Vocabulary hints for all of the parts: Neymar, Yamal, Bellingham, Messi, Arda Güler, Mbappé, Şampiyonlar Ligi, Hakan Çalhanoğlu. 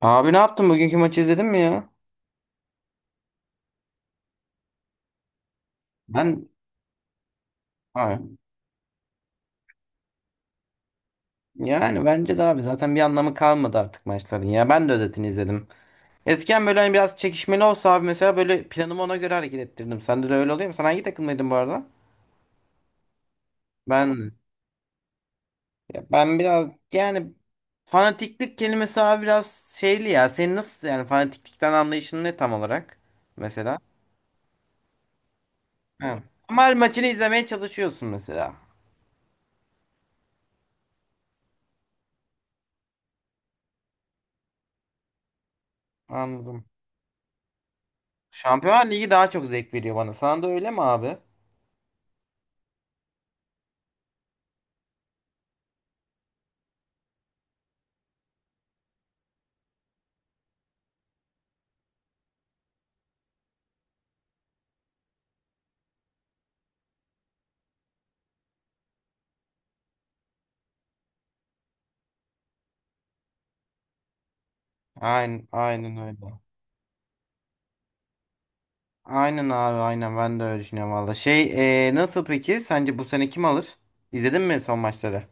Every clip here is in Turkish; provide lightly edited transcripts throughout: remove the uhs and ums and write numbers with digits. Abi ne yaptın? Bugünkü maçı izledin mi ya? Ben Abi, yani bence de abi zaten bir anlamı kalmadı artık maçların ya. Ben de özetini izledim. Eskiden böyle hani biraz çekişmeli olsa abi mesela böyle planımı ona göre hareket ettirdim. Sende de öyle oluyor mu? Sen hangi takımdaydın bu arada? Ben ya ben biraz yani fanatiklik kelimesi abi biraz şeyli ya. Senin nasıl yani fanatiklikten anlayışın ne tam olarak mesela? Ha. Ama her maçını izlemeye çalışıyorsun mesela. Anladım. Şampiyonlar Ligi daha çok zevk veriyor bana. Sana da öyle mi abi? Aynen, aynen öyle. Aynen abi aynen ben de öyle düşünüyorum valla. Nasıl peki sence bu sene kim alır? İzledin mi son maçları?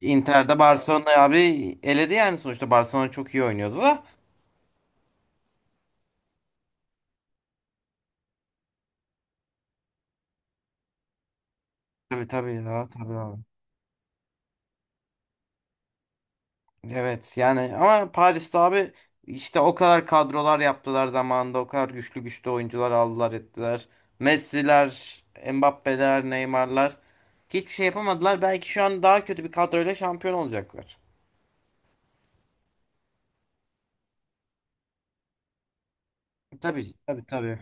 Inter'de Barcelona abi eledi yani sonuçta Barcelona çok iyi oynuyordu da. Tabii tabii ya tabii abi. Evet yani ama Paris'te abi işte o kadar kadrolar yaptılar zamanında o kadar güçlü güçlü oyuncular aldılar ettiler. Messi'ler, Mbappe'ler, Neymar'lar hiçbir şey yapamadılar. Belki şu an daha kötü bir kadroyla şampiyon olacaklar. Tabii tabii tabii.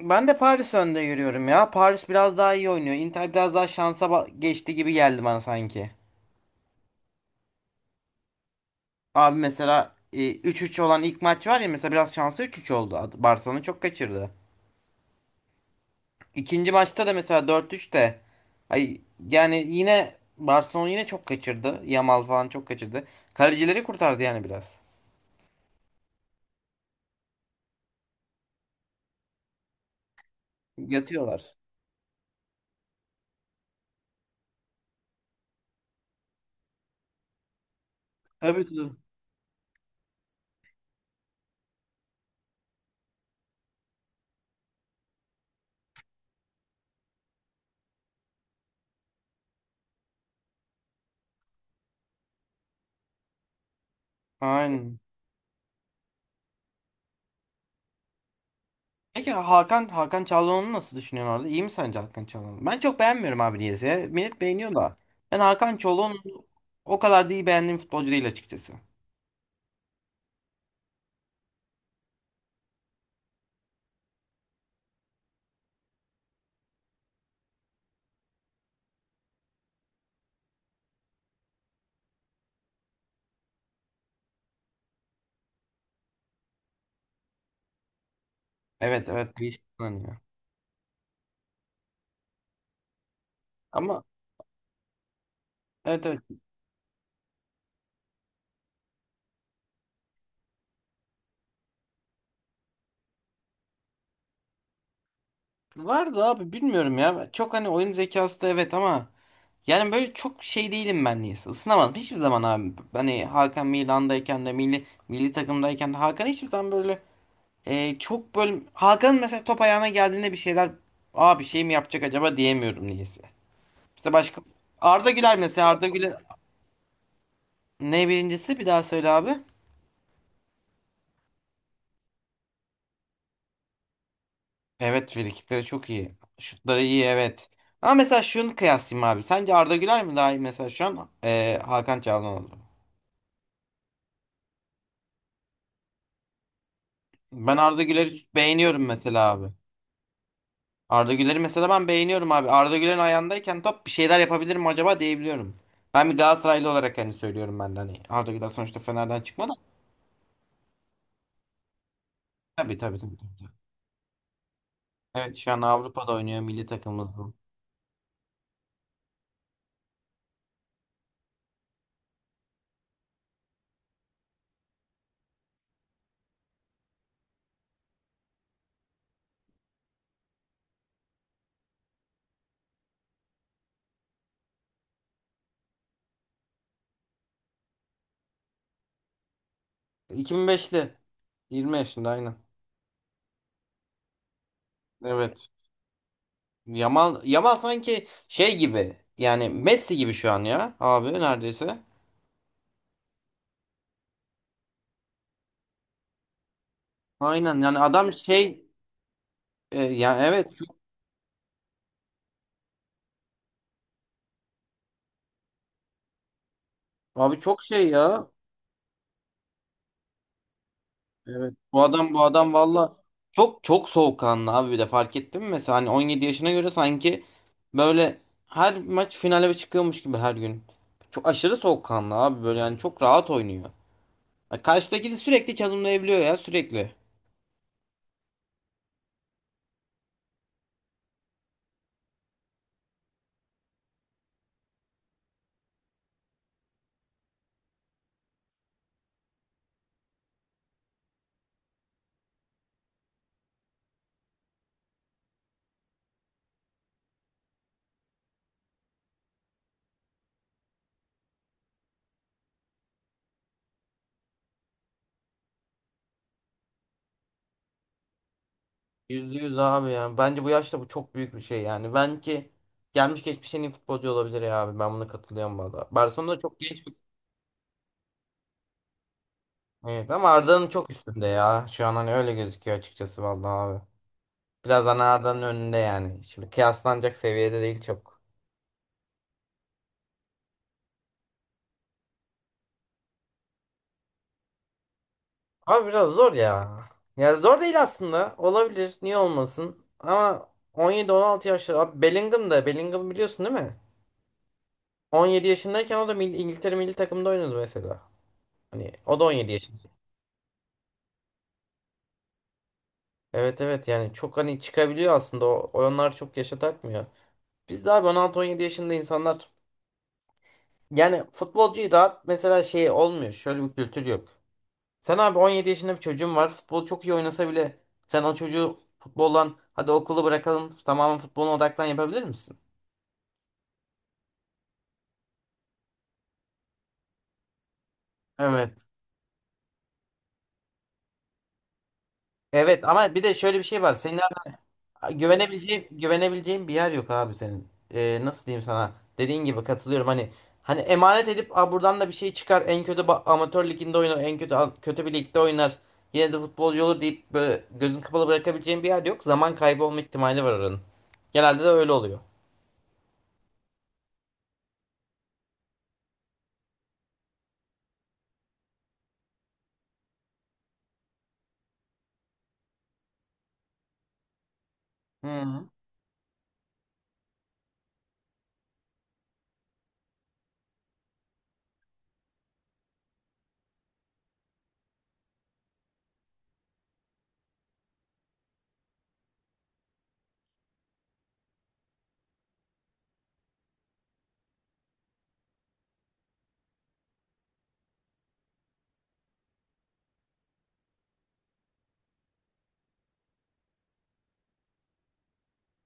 Ben de Paris önde görüyorum ya. Paris biraz daha iyi oynuyor. Inter biraz daha şansa geçti gibi geldi bana sanki. Abi mesela 3-3 olan ilk maç var ya mesela biraz şansı 3-3 oldu. Barcelona çok kaçırdı. İkinci maçta da mesela 4-3 de ay yani yine Barcelona yine çok kaçırdı. Yamal falan çok kaçırdı. Kalecileri kurtardı yani biraz. Yatıyorlar. Tabii tabii. Aynen. Peki Hakan Çalhanoğlu'nu nasıl düşünüyorsun orada? İyi mi sence Hakan Çalhanoğlu? Ben çok beğenmiyorum abi niyeyse. Millet beğeniyor da. Ben Hakan Çalhanoğlu o kadar da iyi beğendiğim futbolcu değil açıkçası. Evet evet değişik kullanıyor. Ama evet evet. Var da abi bilmiyorum ya. Çok hani oyun zekası da evet ama yani böyle çok şey değilim ben niyeyse. Isınamadım hiçbir zaman abi. Hani Hakan Milan'dayken de milli takımdayken de Hakan hiçbir zaman böyle çok böyle Hakan'ın mesela top ayağına geldiğinde bir şeyler bir şey mi yapacak acaba diyemiyorum niyeyse. İşte başka Arda Güler mesela Arda Güler ne birincisi bir daha söyle abi. Evet frikikleri çok iyi. Şutları iyi evet. Ama mesela şunu kıyaslayayım abi. Sence Arda Güler mi daha iyi mesela şu an Hakan Çalhanoğlu? Ben Arda Güler'i beğeniyorum mesela abi. Arda Güler'i mesela ben beğeniyorum abi. Arda Güler'in ayağındayken top bir şeyler yapabilirim acaba diyebiliyorum. Ben bir Galatasaraylı olarak hani söylüyorum ben de hani Arda Güler sonuçta Fener'den çıkmadı. Tabii tabii tabii. Tabii. Evet şu an Avrupa'da oynuyor milli takımımız bu. 2005'li. 20 yaşında aynen. Evet. Yamal sanki şey gibi yani Messi gibi şu an ya abi neredeyse. Aynen yani adam şey yani evet abi çok şey ya. Evet bu adam valla çok çok soğukkanlı abi bir de fark ettin mi mesela hani 17 yaşına göre sanki böyle her maç finale çıkıyormuş gibi her gün. Çok aşırı soğukkanlı abi böyle yani çok rahat oynuyor. Yani karşıdaki de sürekli çalımlayabiliyor ya sürekli. %100 abi yani. Bence bu yaşta bu çok büyük bir şey yani. Ben ki gelmiş geçmiş en iyi futbolcu olabilir ya abi. Ben buna katılıyorum valla. Barcelona da çok genç bir... Evet ama Arda'nın çok üstünde ya. Şu an hani öyle gözüküyor açıkçası valla abi. Biraz hani Arda'nın önünde yani. Şimdi kıyaslanacak seviyede değil çok. Abi biraz zor ya. Ya zor değil aslında. Olabilir. Niye olmasın? Ama 17-16 yaşları. Abi Bellingham da. Bellingham biliyorsun değil mi? 17 yaşındayken o da İngiltere milli takımında oynadı mesela. Hani o da 17 yaşında. Evet evet yani çok hani çıkabiliyor aslında o olanlar çok yaşa takmıyor. Biz de abi 16-17 yaşında insanlar yani futbolcuyu rahat mesela şey olmuyor şöyle bir kültür yok. Sen abi 17 yaşında bir çocuğun var futbol çok iyi oynasa bile sen o çocuğu futboldan hadi okulu bırakalım tamamen futboluna odaklan yapabilir misin? Evet. Evet ama bir de şöyle bir şey var. Senin Güvenebileceğim bir yer yok abi senin. Nasıl diyeyim sana? Dediğin gibi katılıyorum hani emanet edip buradan da bir şey çıkar. En kötü amatör liginde oynar, en kötü bir ligde oynar. Yine de futbolcu olur deyip böyle gözün kapalı bırakabileceğim bir yer yok. Zaman kaybı olma ihtimali var oranın. Genelde de öyle oluyor. Hı.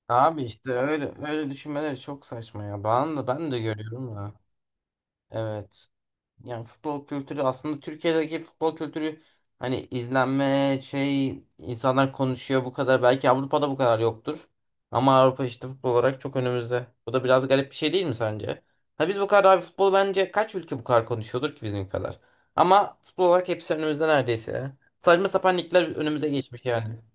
Abi işte öyle öyle düşünmeleri çok saçma ya. Ben de görüyorum ya. Evet. Yani futbol kültürü aslında Türkiye'deki futbol kültürü hani izlenme şey insanlar konuşuyor bu kadar. Belki Avrupa'da bu kadar yoktur. Ama Avrupa işte futbol olarak çok önümüzde. Bu da biraz garip bir şey değil mi sence? Ha biz bu kadar abi futbol bence kaç ülke bu kadar konuşuyordur ki bizim kadar. Ama futbol olarak hepsi önümüzde neredeyse. Ya, saçma sapan ligler önümüze geçmiş yani.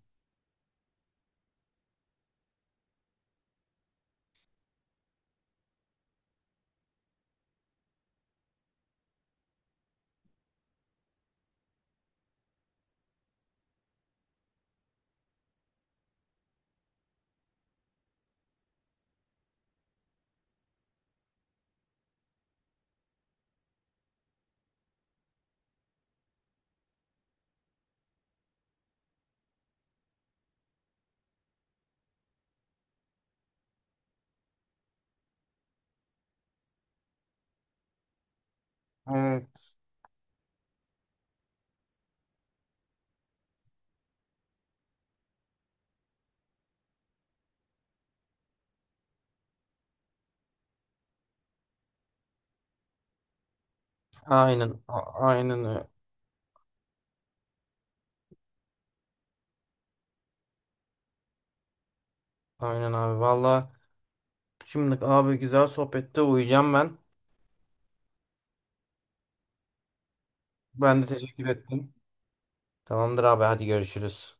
Evet. Aynen. Aynen. Aynen abi. Valla şimdi abi güzel sohbette uyuyacağım ben. Ben de teşekkür ettim. Tamamdır abi hadi görüşürüz.